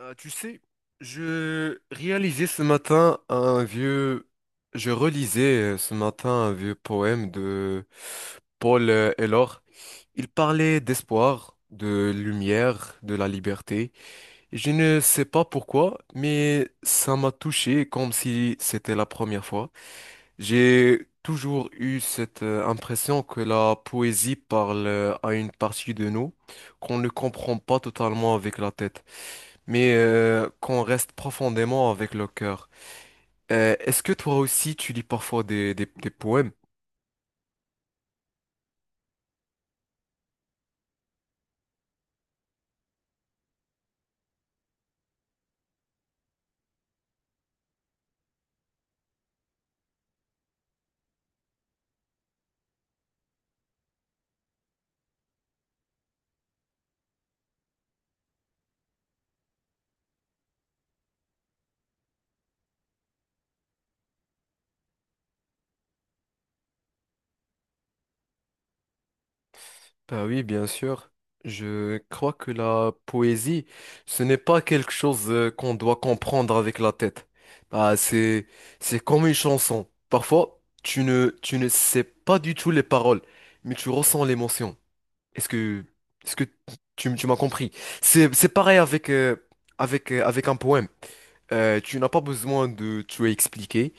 Tu sais, je réalisais ce matin un vieux, je relisais ce matin un vieux poème de Paul Elor. Il parlait d'espoir, de lumière, de la liberté. Et je ne sais pas pourquoi, mais ça m'a touché comme si c'était la première fois. J'ai toujours eu cette impression que la poésie parle à une partie de nous qu'on ne comprend pas totalement avec la tête mais qu'on reste profondément avec le cœur. Est-ce que toi aussi tu lis parfois des poèmes? Bah oui, bien sûr. Je crois que la poésie, ce n'est pas quelque chose qu'on doit comprendre avec la tête. Bah, c'est comme une chanson. Parfois, tu ne sais pas du tout les paroles, mais tu ressens l'émotion. Est-ce que, est-ce que tu m'as compris? C'est pareil avec un poème. Tu n'as pas besoin de tout expliquer.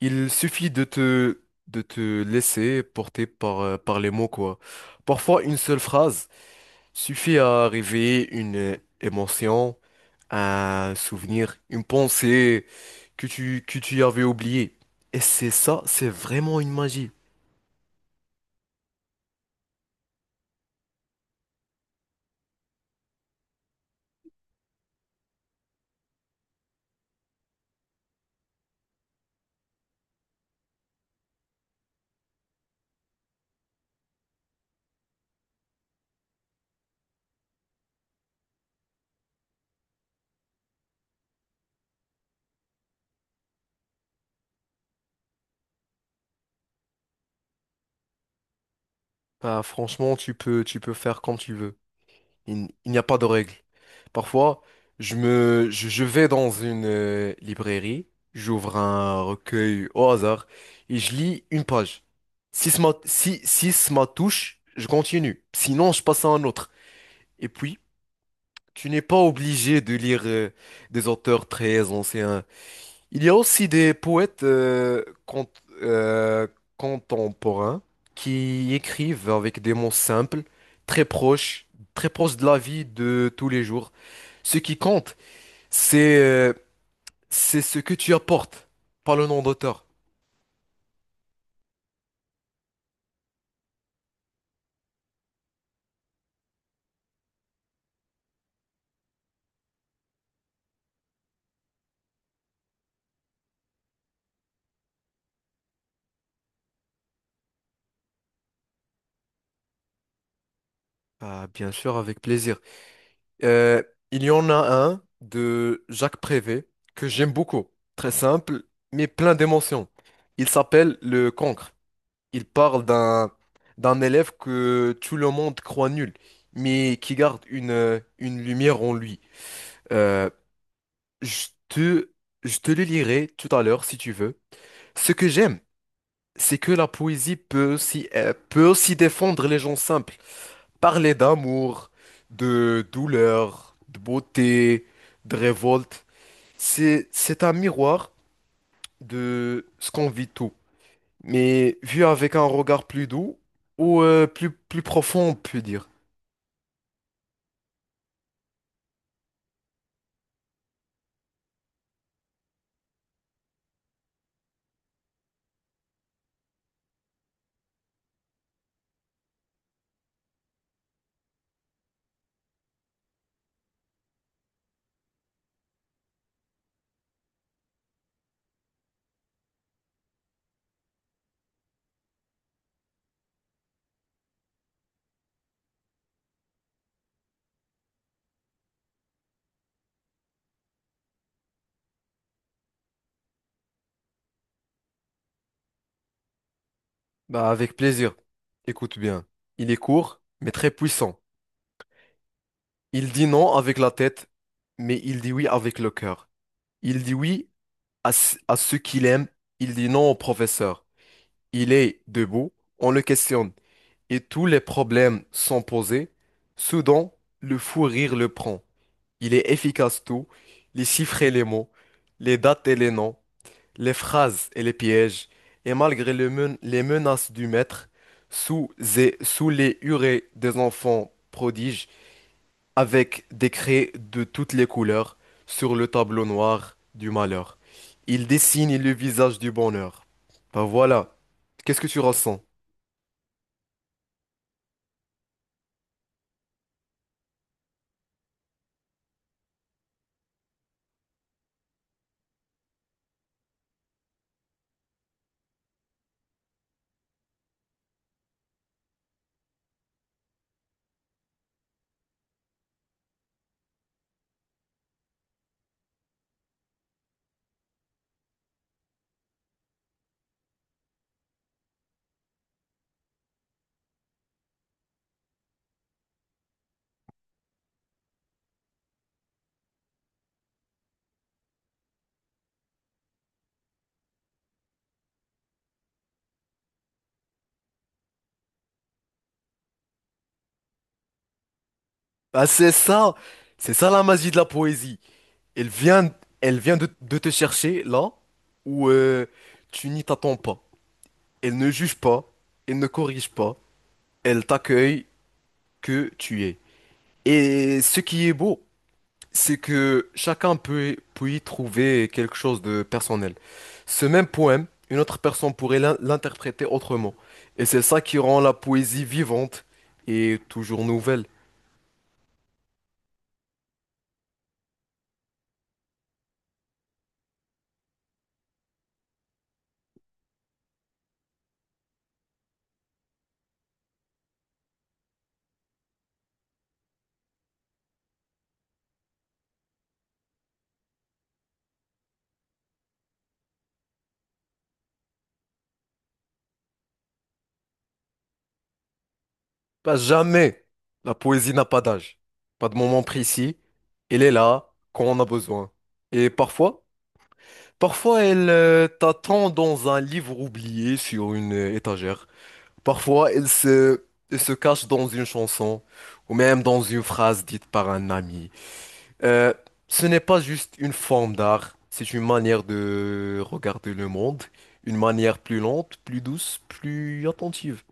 Il suffit de te laisser porter par les mots, quoi. Parfois, une seule phrase suffit à réveiller une émotion, un souvenir, une pensée que tu avais oubliée. Et c'est ça, c'est vraiment une magie. Bah, franchement, tu peux faire comme tu veux. Il n'y a pas de règle. Parfois, je vais dans une librairie, j'ouvre un recueil au hasard et je lis une page. Si, si ça m'a touche, je continue. Sinon, je passe à un autre. Et puis, tu n'es pas obligé de lire des auteurs très anciens. Il y a aussi des poètes euh, contemporains qui écrivent avec des mots simples, très proches, très proches de la vie de tous les jours. Ce qui compte, c'est euh, c'est ce que tu apportes, pas le nom d'auteur. Ah, bien sûr, avec plaisir. Euh, il y en a un de Jacques Prévert que j'aime beaucoup. Très simple, mais plein d'émotions. Il s'appelle Le Cancre. Il parle d'un élève que tout le monde croit nul, mais qui garde une lumière en lui. Euh, je te, je te le lirai tout à l'heure si tu veux. Ce que j'aime, c'est que la poésie peut aussi défendre les gens simples, parler d'amour, de douleur, de beauté, de révolte. C'est un miroir de ce qu'on vit tout, mais vu avec un regard plus doux ou plus profond, on peut dire. Bah, avec plaisir. Écoute bien. Il est court, mais très puissant. Il dit non avec la tête, mais il dit oui avec le cœur. Il dit oui à ce qu'il aime, il dit non au professeur. Il est debout, on le questionne, et tous les problèmes sont posés. Soudain, le fou rire le prend. Il est efficace tout, les chiffres et les mots, les dates et les noms, les phrases et les pièges, et malgré les menaces du maître, sous, sous les hurées des enfants prodiges, avec des craies de toutes les couleurs, sur le tableau noir du malheur, il dessine le visage du bonheur. Ben voilà, qu'est-ce que tu ressens? Ah c'est ça la magie de la poésie. Elle vient, Elle vient de te chercher là où tu n'y t'attends pas. Elle ne juge pas, elle ne corrige pas. Elle t'accueille que tu es. Et ce qui est beau, c'est que chacun peut y trouver quelque chose de personnel. Ce même poème, une autre personne pourrait l'interpréter autrement. Et c'est ça qui rend la poésie vivante et toujours nouvelle. Pas jamais. La poésie n'a pas d'âge, pas de moment précis. Elle est là quand on a besoin. Et parfois, parfois elle t'attend dans un livre oublié sur une étagère. Parfois, elle se cache dans une chanson ou même dans une phrase dite par un ami. Euh, ce n'est pas juste une forme d'art, c'est une manière de regarder le monde, une manière plus lente, plus douce, plus attentive.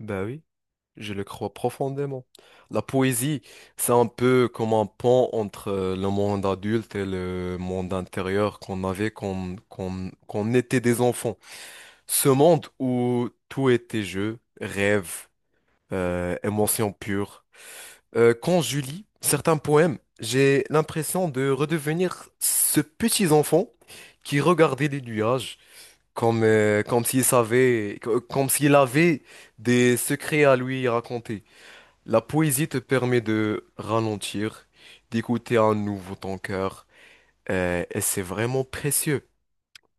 Ben oui, je le crois profondément. La poésie, c'est un peu comme un pont entre le monde adulte et le monde intérieur qu'on avait quand on était des enfants. Ce monde où tout était jeu, rêve, émotion pure. Quand je lis certains poèmes, j'ai l'impression de redevenir ce petit enfant qui regardait les nuages comme s'il savait, comme s'il avait des secrets à lui raconter. La poésie te permet de ralentir, d'écouter à nouveau ton cœur, et c'est vraiment précieux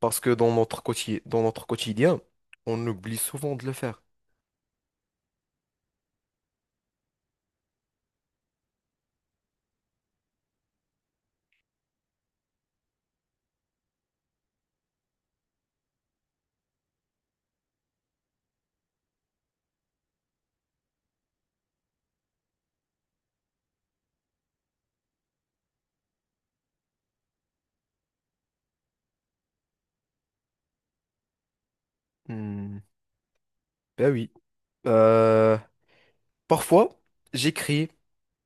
parce que dans notre quotidien, on oublie souvent de le faire. Hmm. Ben oui. Euh, Parfois, j'écris,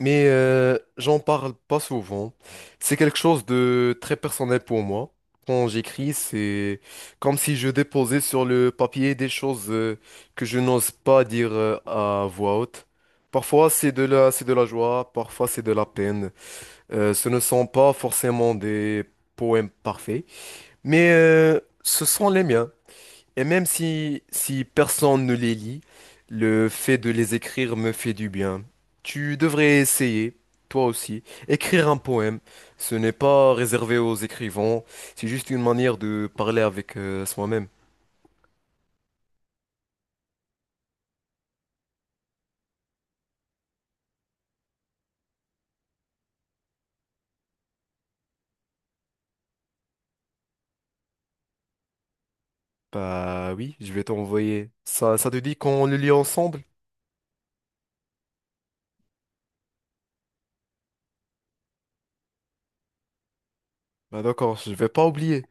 mais j'en parle pas souvent. C'est quelque chose de très personnel pour moi. Quand j'écris, c'est comme si je déposais sur le papier des choses que je n'ose pas dire à voix haute. Parfois, c'est de la joie, parfois, c'est de la peine. Ce ne sont pas forcément des poèmes parfaits, mais ce sont les miens. Et même si, si personne ne les lit, le fait de les écrire me fait du bien. Tu devrais essayer, toi aussi, écrire un poème. Ce n'est pas réservé aux écrivains, c'est juste une manière de parler avec soi-même. Bah oui, je vais t'envoyer. Ça te dit qu'on le lit ensemble? Bah d'accord, je vais pas oublier.